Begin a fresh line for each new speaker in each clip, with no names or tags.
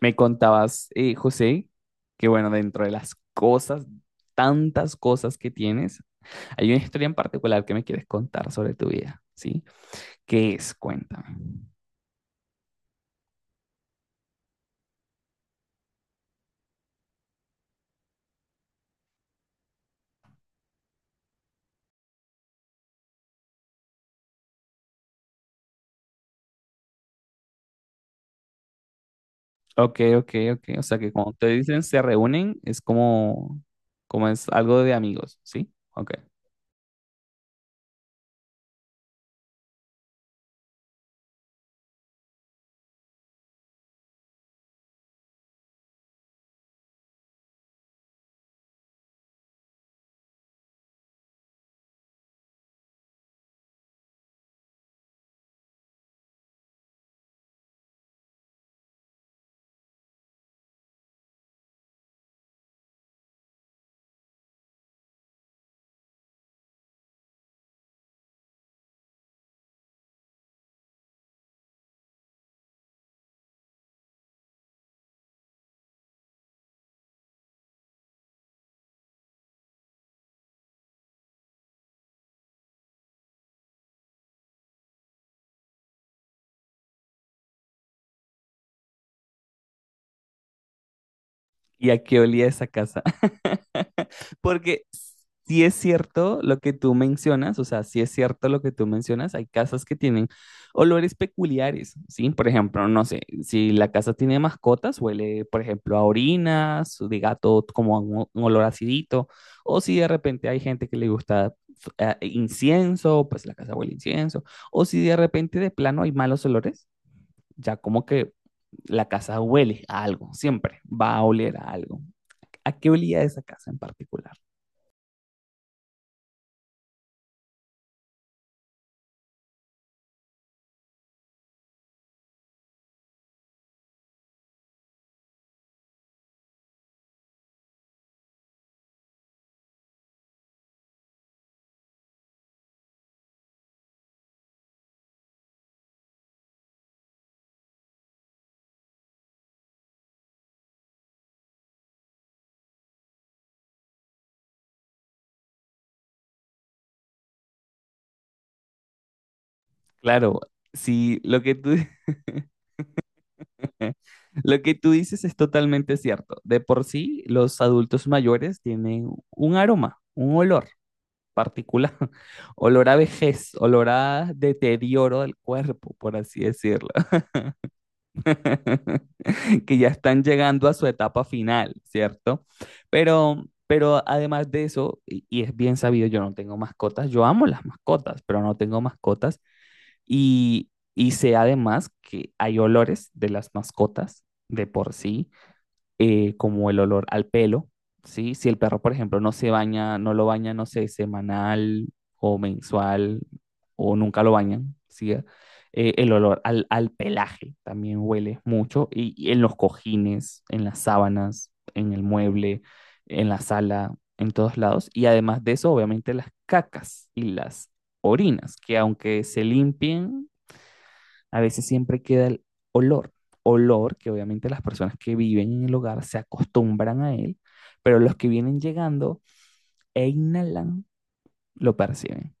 Me contabas, José, que bueno, dentro de las cosas, tantas cosas que tienes, hay una historia en particular que me quieres contar sobre tu vida, ¿sí? ¿Qué es? Cuéntame. Ok, ok, ok. O sea que cuando te dicen se reúnen, es como, como es algo de amigos, ¿sí? Ok. ¿Y a qué olía esa casa? Porque sí es cierto lo que tú mencionas, o sea, sí es cierto lo que tú mencionas, hay casas que tienen olores peculiares, ¿sí? Por ejemplo, no sé, si la casa tiene mascotas, huele, por ejemplo, a orinas, de gato como a un olor acidito, o si de repente hay gente que le gusta incienso, pues la casa huele a incienso, o si de repente de plano hay malos olores, ya como que la casa huele a algo, siempre va a oler a algo. ¿A qué olía esa casa en particular? Claro, sí, lo que tú, lo que tú dices es totalmente cierto. De por sí, los adultos mayores tienen un aroma, un olor particular, olor a vejez, olor a deterioro del cuerpo, por así decirlo, que ya están llegando a su etapa final, ¿cierto? Pero además de eso, y es bien sabido, yo no tengo mascotas, yo amo las mascotas, pero no tengo mascotas. Y sé además que hay olores de las mascotas de por sí, como el olor al pelo, ¿sí? Si el perro, por ejemplo, no se baña, no lo baña, no sé, semanal o mensual o nunca lo bañan, ¿sí? El olor al pelaje también huele mucho y en los cojines, en las sábanas, en el mueble, en la sala, en todos lados. Y además de eso, obviamente las cacas y las orinas, que aunque se limpien, a veces siempre queda el olor, olor que obviamente las personas que viven en el hogar se acostumbran a él, pero los que vienen llegando e inhalan lo perciben.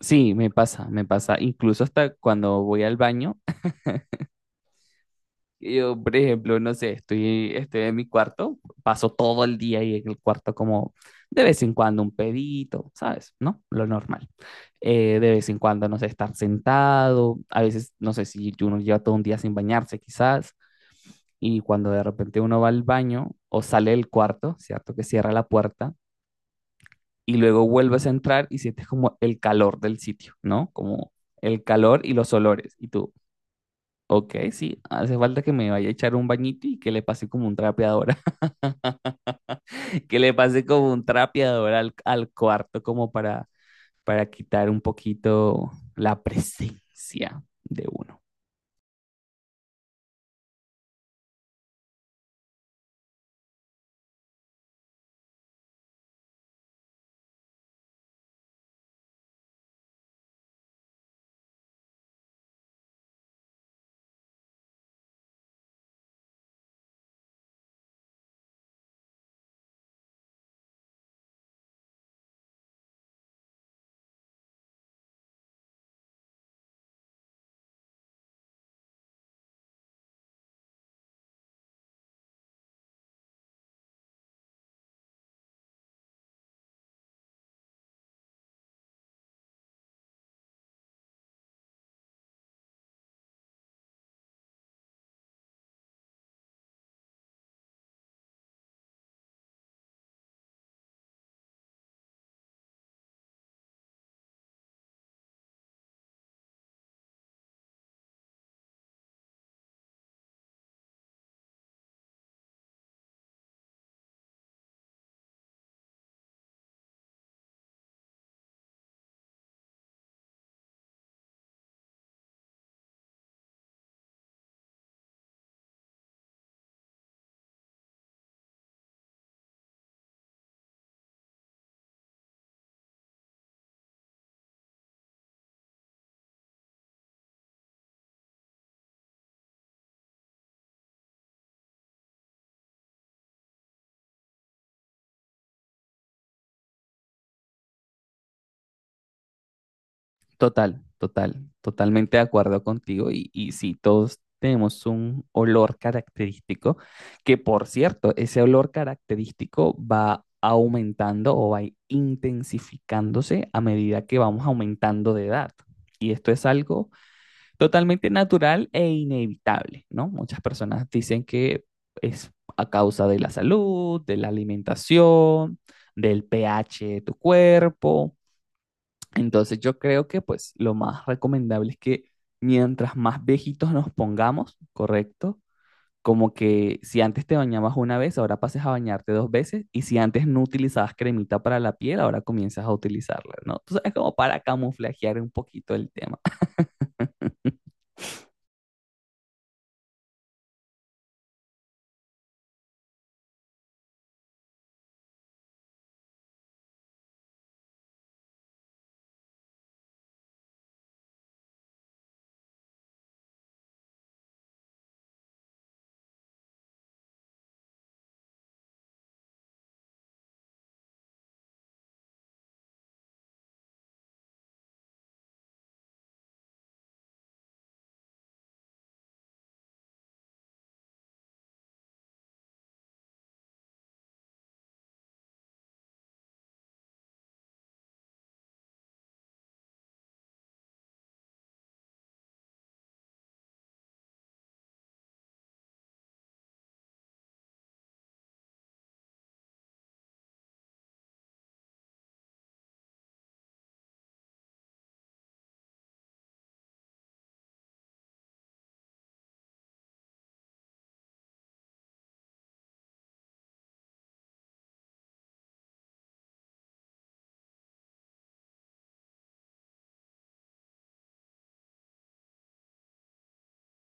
Sí, me pasa, incluso hasta cuando voy al baño. Yo, por ejemplo, no sé, estoy en mi cuarto, paso todo el día ahí en el cuarto como de vez en cuando un pedito, ¿sabes? ¿No? Lo normal. De vez en cuando, no sé, estar sentado, a veces, no sé si uno lleva todo un día sin bañarse quizás, y cuando de repente uno va al baño o sale del cuarto, ¿cierto? Que cierra la puerta y luego vuelves a entrar y sientes como el calor del sitio, ¿no? Como el calor y los olores. Y tú, ok, sí, hace falta que me vaya a echar un bañito y que le pase como un trapeador, que le pase como un trapeador al, al cuarto como para quitar un poquito la presencia de uno. Total, total, totalmente de acuerdo contigo. Y sí, todos tenemos un olor característico, que por cierto, ese olor característico va aumentando o va intensificándose a medida que vamos aumentando de edad. Y esto es algo totalmente natural e inevitable, ¿no? Muchas personas dicen que es a causa de la salud, de la alimentación, del pH de tu cuerpo, entonces yo creo que pues lo más recomendable es que mientras más viejitos nos pongamos, ¿correcto? Como que si antes te bañabas una vez, ahora pases a bañarte dos veces y si antes no utilizabas cremita para la piel, ahora comienzas a utilizarla, ¿no? Tú sabes, como para camuflajear un poquito el tema.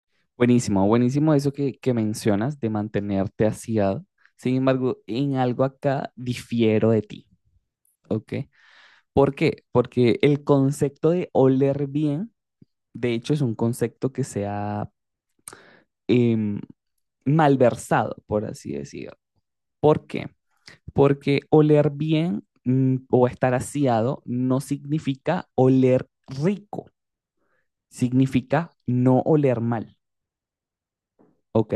Buenísimo, buenísimo eso que mencionas de mantenerte aseado. Sin embargo, en algo acá difiero de ti, ¿ok? ¿Por qué? Porque el concepto de oler bien. De hecho, es un concepto que se ha em, malversado, por así decirlo. ¿Por qué? Porque oler bien, o estar aseado, no significa oler rico, significa no oler mal, ¿ok?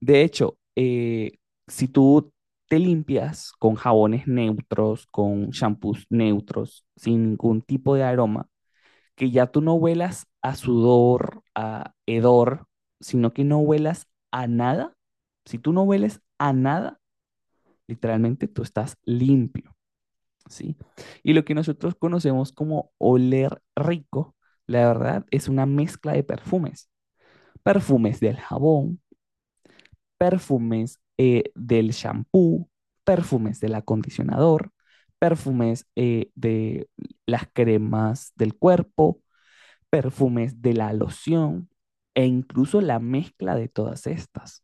De hecho, si tú te limpias con jabones neutros, con shampoos neutros, sin ningún tipo de aroma, que ya tú no huelas a sudor, a hedor, sino que no huelas a nada. Si tú no hueles a nada, literalmente tú estás limpio, ¿sí? Y lo que nosotros conocemos como oler rico, la verdad, es una mezcla de perfumes. Perfumes del jabón, perfumes del shampoo, perfumes del acondicionador, perfumes de las cremas del cuerpo, perfumes de la loción e incluso la mezcla de todas estas.